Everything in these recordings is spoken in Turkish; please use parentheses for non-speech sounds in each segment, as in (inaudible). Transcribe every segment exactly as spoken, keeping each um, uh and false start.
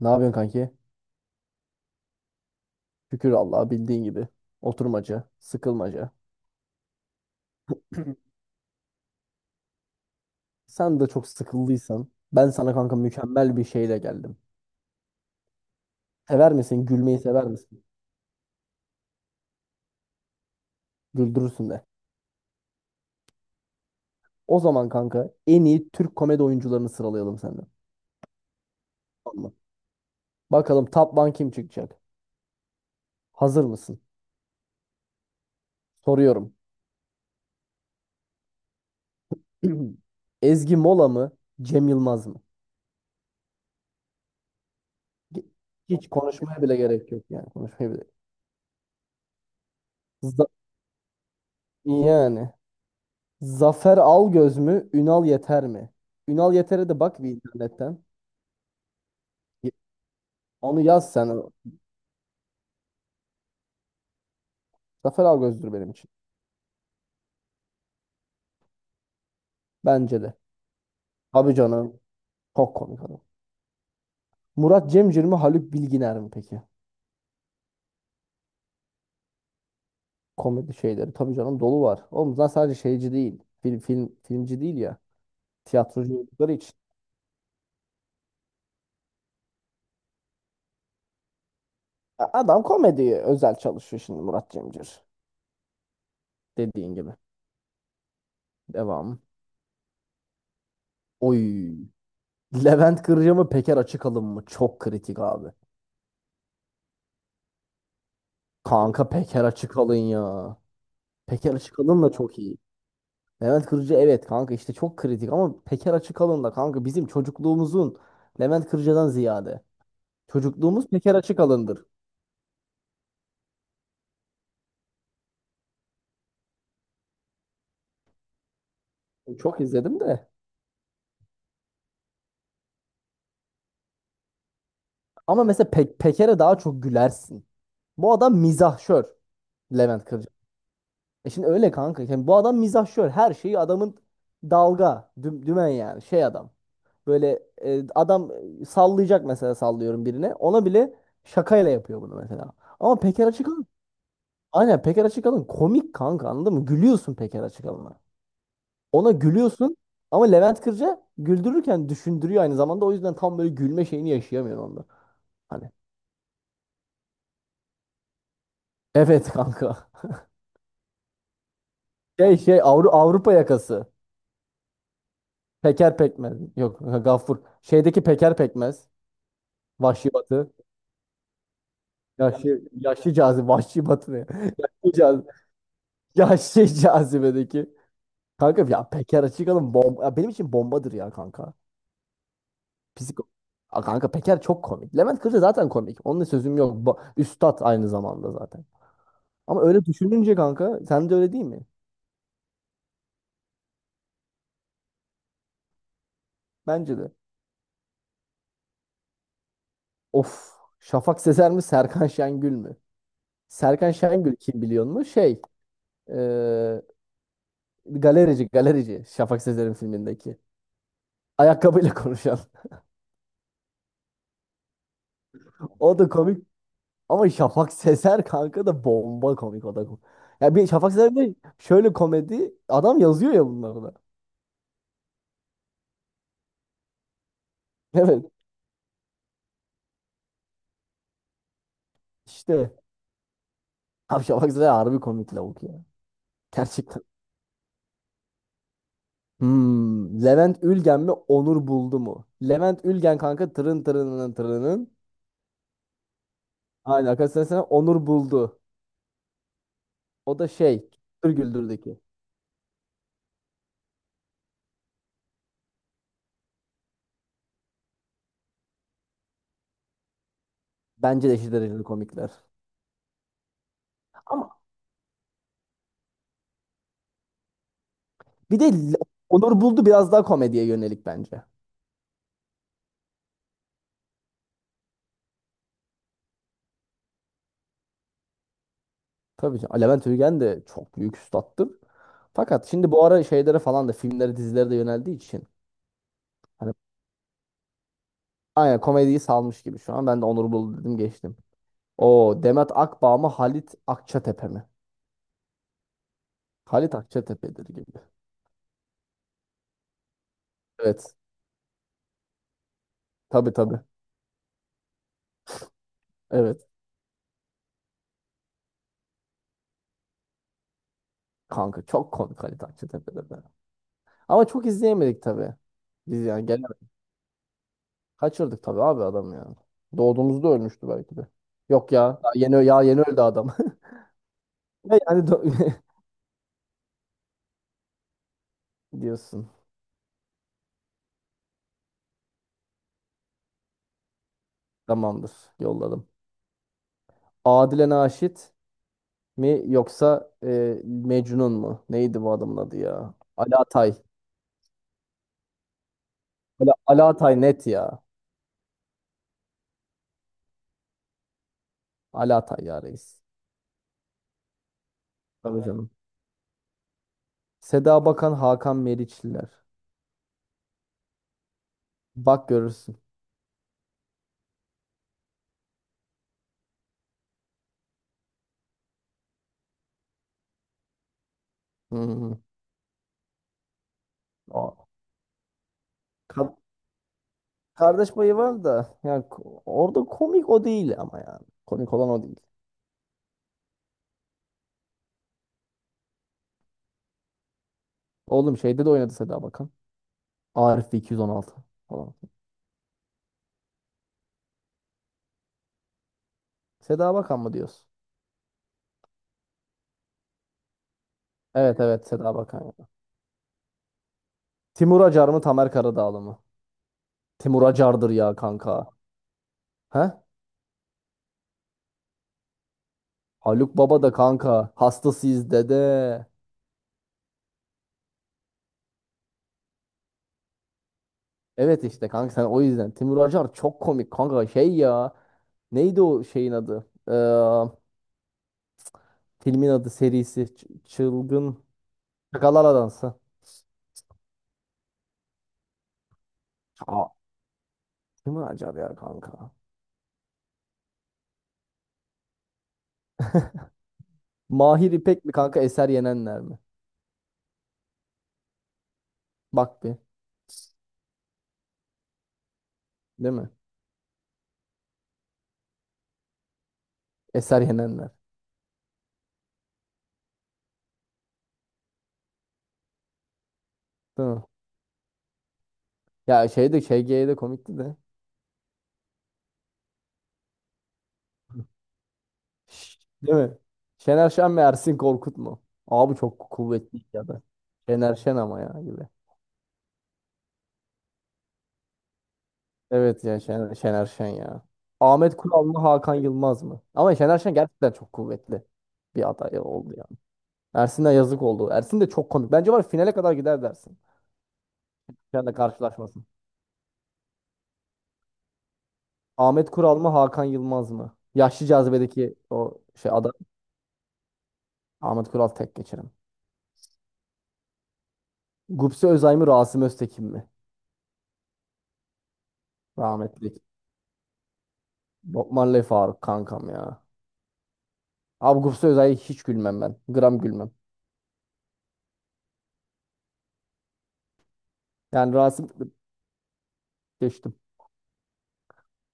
Ne yapıyorsun kanki? Şükür Allah'a bildiğin gibi. Oturmaca, sıkılmaca. (clears throat) Sen de çok sıkıldıysan ben sana kanka mükemmel bir şeyle geldim. Sever misin? Gülmeyi sever misin? Güldürürsün de. O zaman kanka en iyi Türk komedi oyuncularını sıralayalım senden. Tamam mı? Bakalım top one kim çıkacak? Hazır mısın? Soruyorum. (clears throat) Ezgi Mola mı? Cem Yılmaz mı? Ge- Hiç konuşmaya bile gerek yok yani. Konuşmaya bile. Z- Yani. Zafer Algöz mü? Ünal Yeter mi? Ünal Yeter'e de bak bir internetten. Ye- Onu yaz sen. Zafer Algöz'dür benim için. Bence de. Tabii canım. Çok komik adam. Murat Cemcir mi? Haluk Bilginer mi peki? Komedi şeyleri. Tabii canım dolu var. Oğlum zaten sadece şeyci değil. Film, film, filmci değil ya. Tiyatrocu oldukları için. A- Adam komediye özel çalışıyor şimdi Murat Cemcir. Dediğin gibi. Devam. Oy. Levent Kırca mı? Peker Açıkalın mı? Çok kritik abi. Kanka Peker Açıkalın ya. Peker Açıkalın da çok iyi. Levent Kırcı evet kanka işte çok kritik ama Peker Açıkalın da kanka bizim çocukluğumuzun Levent Kırcıdan ziyade. Çocukluğumuz Peker Açıkalın'dır. Çok izledim de. Ama mesela Pe- Peker'e daha çok gülersin. Bu adam mizahşör Levent Kırcı. E şimdi öyle kanka. Yani bu adam mizahşör. Her şeyi adamın dalga, düm- dümen yani şey adam. Böyle e, adam e, sallayacak mesela sallıyorum birine. Ona bile şakayla yapıyor bunu mesela. Ama Peker açık. Aynen Peker Açıkalın komik kanka anladın mı? Gülüyorsun Peker Açıkalın'a. Ona gülüyorsun ama Levent Kırca güldürürken düşündürüyor aynı zamanda. O yüzden tam böyle gülme şeyini yaşayamıyorsun onda. Hani evet kanka. Şey şey Avru Avrupa yakası. Peker Pekmez. Yok Gaffur. Şeydeki Peker Pekmez. Vahşi Batı. Yaşlı, yaşlı cazibe. Vahşi Batı ne? (laughs) Yaşlı cazibe. Yaşlı cazibedeki. Kanka ya Peker Açıkalın bomba. Ya benim için bombadır ya kanka. Psik. A, kanka Peker çok komik. Levent Kırca zaten komik. Onunla sözüm yok. Ba Üstad aynı zamanda zaten. Ama öyle düşününce kanka sen de öyle değil mi? Bence de. Of. Şafak Sezer mi Serkan Şengül mü? Serkan Şengül kim biliyor mu? Şey eee, galerici galerici Şafak Sezer'in filmindeki. Ayakkabıyla konuşan. (laughs) O da komik. Ama Şafak Sezer kanka da bomba komik o da. Ya bir Şafak Sezer de şöyle komedi adam yazıyor ya bunları da. (laughs) Evet işte. Abi Şafak Sezer harbi komik lavuk ya. Gerçekten. Hmm, Levent Ülgen mi Onur Buldu mu? Levent Ülgen kanka tırın tırının tırının. Aynen arkadaşlar sana Onur Buldu. O da şey Güldür Güldür'deki. Bence de eşit dereceli komikler. Ama bir de Le- Onur Buldu biraz daha komediye yönelik bence. Tabii ki Levent Ülgen de çok büyük üstattır. Fakat şimdi bu ara şeylere falan da filmlere dizilere de yöneldiği için. Hani aynen komediyi salmış gibi şu an. Ben de Onur Buldu dedim geçtim. O Demet Akbağ mı Halit Akçatepe mi? Halit Akçatepe'dir gibi. Evet. Tabii tabii. Evet. Kanka çok komik Halit Akçatepe'dir. Be. Ama çok izleyemedik tabii. Biz yani gene kaçırdık tabii abi adam yani. Doğduğumuzda ölmüştü belki de. Yok ya. Daha yeni, ya yeni öldü adam. (laughs) Ve yani do- (laughs) diyorsun. Tamamdır. Yolladım. Adile Naşit mi yoksa e, Mecnun mu? Neydi bu adamın adı ya? Alatay. Ala, Alatay net ya. Alatay ya reis. Tabii canım. Seda Bakan, Hakan Meriçliler. Bak görürsün. Hı hı. O- Ka- kardeş payı var da yani ko- orada komik o değil ama yani. Komik olan o değil. Oğlum şeyde de oynadı Seda Bakan. Arif iki yüz on altı falan. Seda Bakan mı diyorsun? Evet evet Seda Bakan. Ya. Timur Acar mı Tamer Karadağlı mı? Timur Acar'dır ya kanka. He? Haluk Baba da kanka. Hastasıyız dede. Evet işte kanka sen o yüzden. Timur Acar çok komik kanka şey ya. Neydi o şeyin adı? Ee, filmin adı serisi. Ç- Çılgın Şakalar Adansı. Aa, Timur Acar ya kanka. Mahir İpek mi kanka Eser Yenenler mi? Bak bir. Değil mi? Eser Yenenler. Değil mi? Ya şey de ş g'ye de komikti de. Şş, değil mi? Şener Şen mi Ersin Korkut mu? Abi çok kuvvetli ya da. Şener Şen ama ya gibi. Evet ya Şen- Şener Şen ya. Ahmet Kural mı Hakan Yılmaz mı? Ama Şener Şen gerçekten çok kuvvetli bir aday oldu yani. Ersin'e yazık oldu. Ersin de çok komik. Bence var ya, finale kadar gider dersin. Şen'le karşılaşmasın. Ahmet Kural mı Hakan Yılmaz mı? Yaşlı cazibedeki o şey aday. Ahmet Kural tek geçerim. Gupse Özay mı Rasim Öztekin mi? Rahmetli. Bob Marley Faruk kankam ya. Abi Gupse Özay'a hiç gülmem ben. Gram gülmem. Yani Rasim geçtim.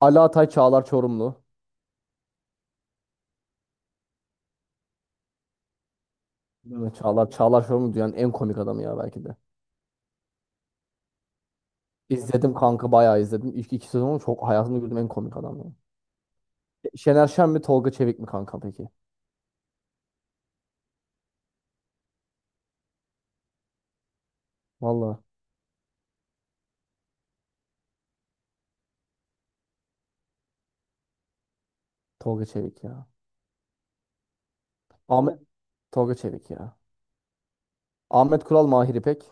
Ali Atay Çağlar Çorumlu. Evet, Çağlar, Çağlar Şorumlu dünyanın en komik adamı ya belki de. İzledim kanka bayağı izledim. İlk iki sezonu çok hayatımda gördüğüm en komik adam ya. Şener Şen mi Tolga Çevik mi kanka peki? Valla Tolga Çevik ya. Ahmet Tolga Çevik ya. Ahmet Kural Mahir İpek.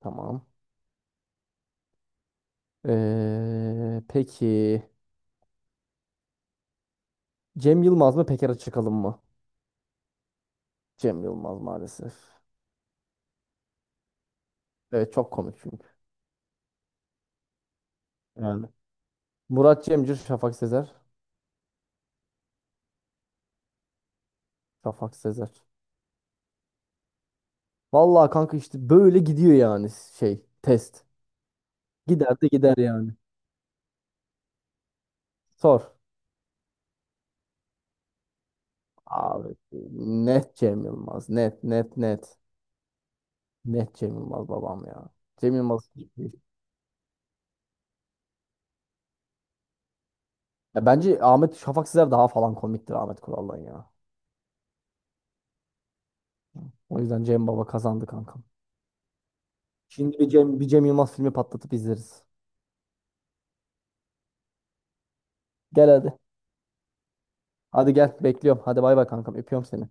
Tamam. Ee, peki Cem Yılmaz mı Peker Açıkalın mı? Cem Yılmaz maalesef. Evet çok komik çünkü. Yani. Murat Cemcir, Şafak Sezer. Şafak Sezer. Valla kanka işte böyle gidiyor yani şey test. Gider de gider yani. Sor. Abi net Cem Yılmaz. Net net net. Net Cem Yılmaz babam ya. Cem Yılmaz. Ya bence Ahmet Şafak Sezer daha falan komiktir Ahmet Kural'dan ya. O yüzden Cem Baba kazandı kankam. Şimdi bir Cem, bir Cem Yılmaz filmi patlatıp izleriz. Gel hadi. Hadi gel bekliyorum. Hadi bay bay kankam öpüyorum seni.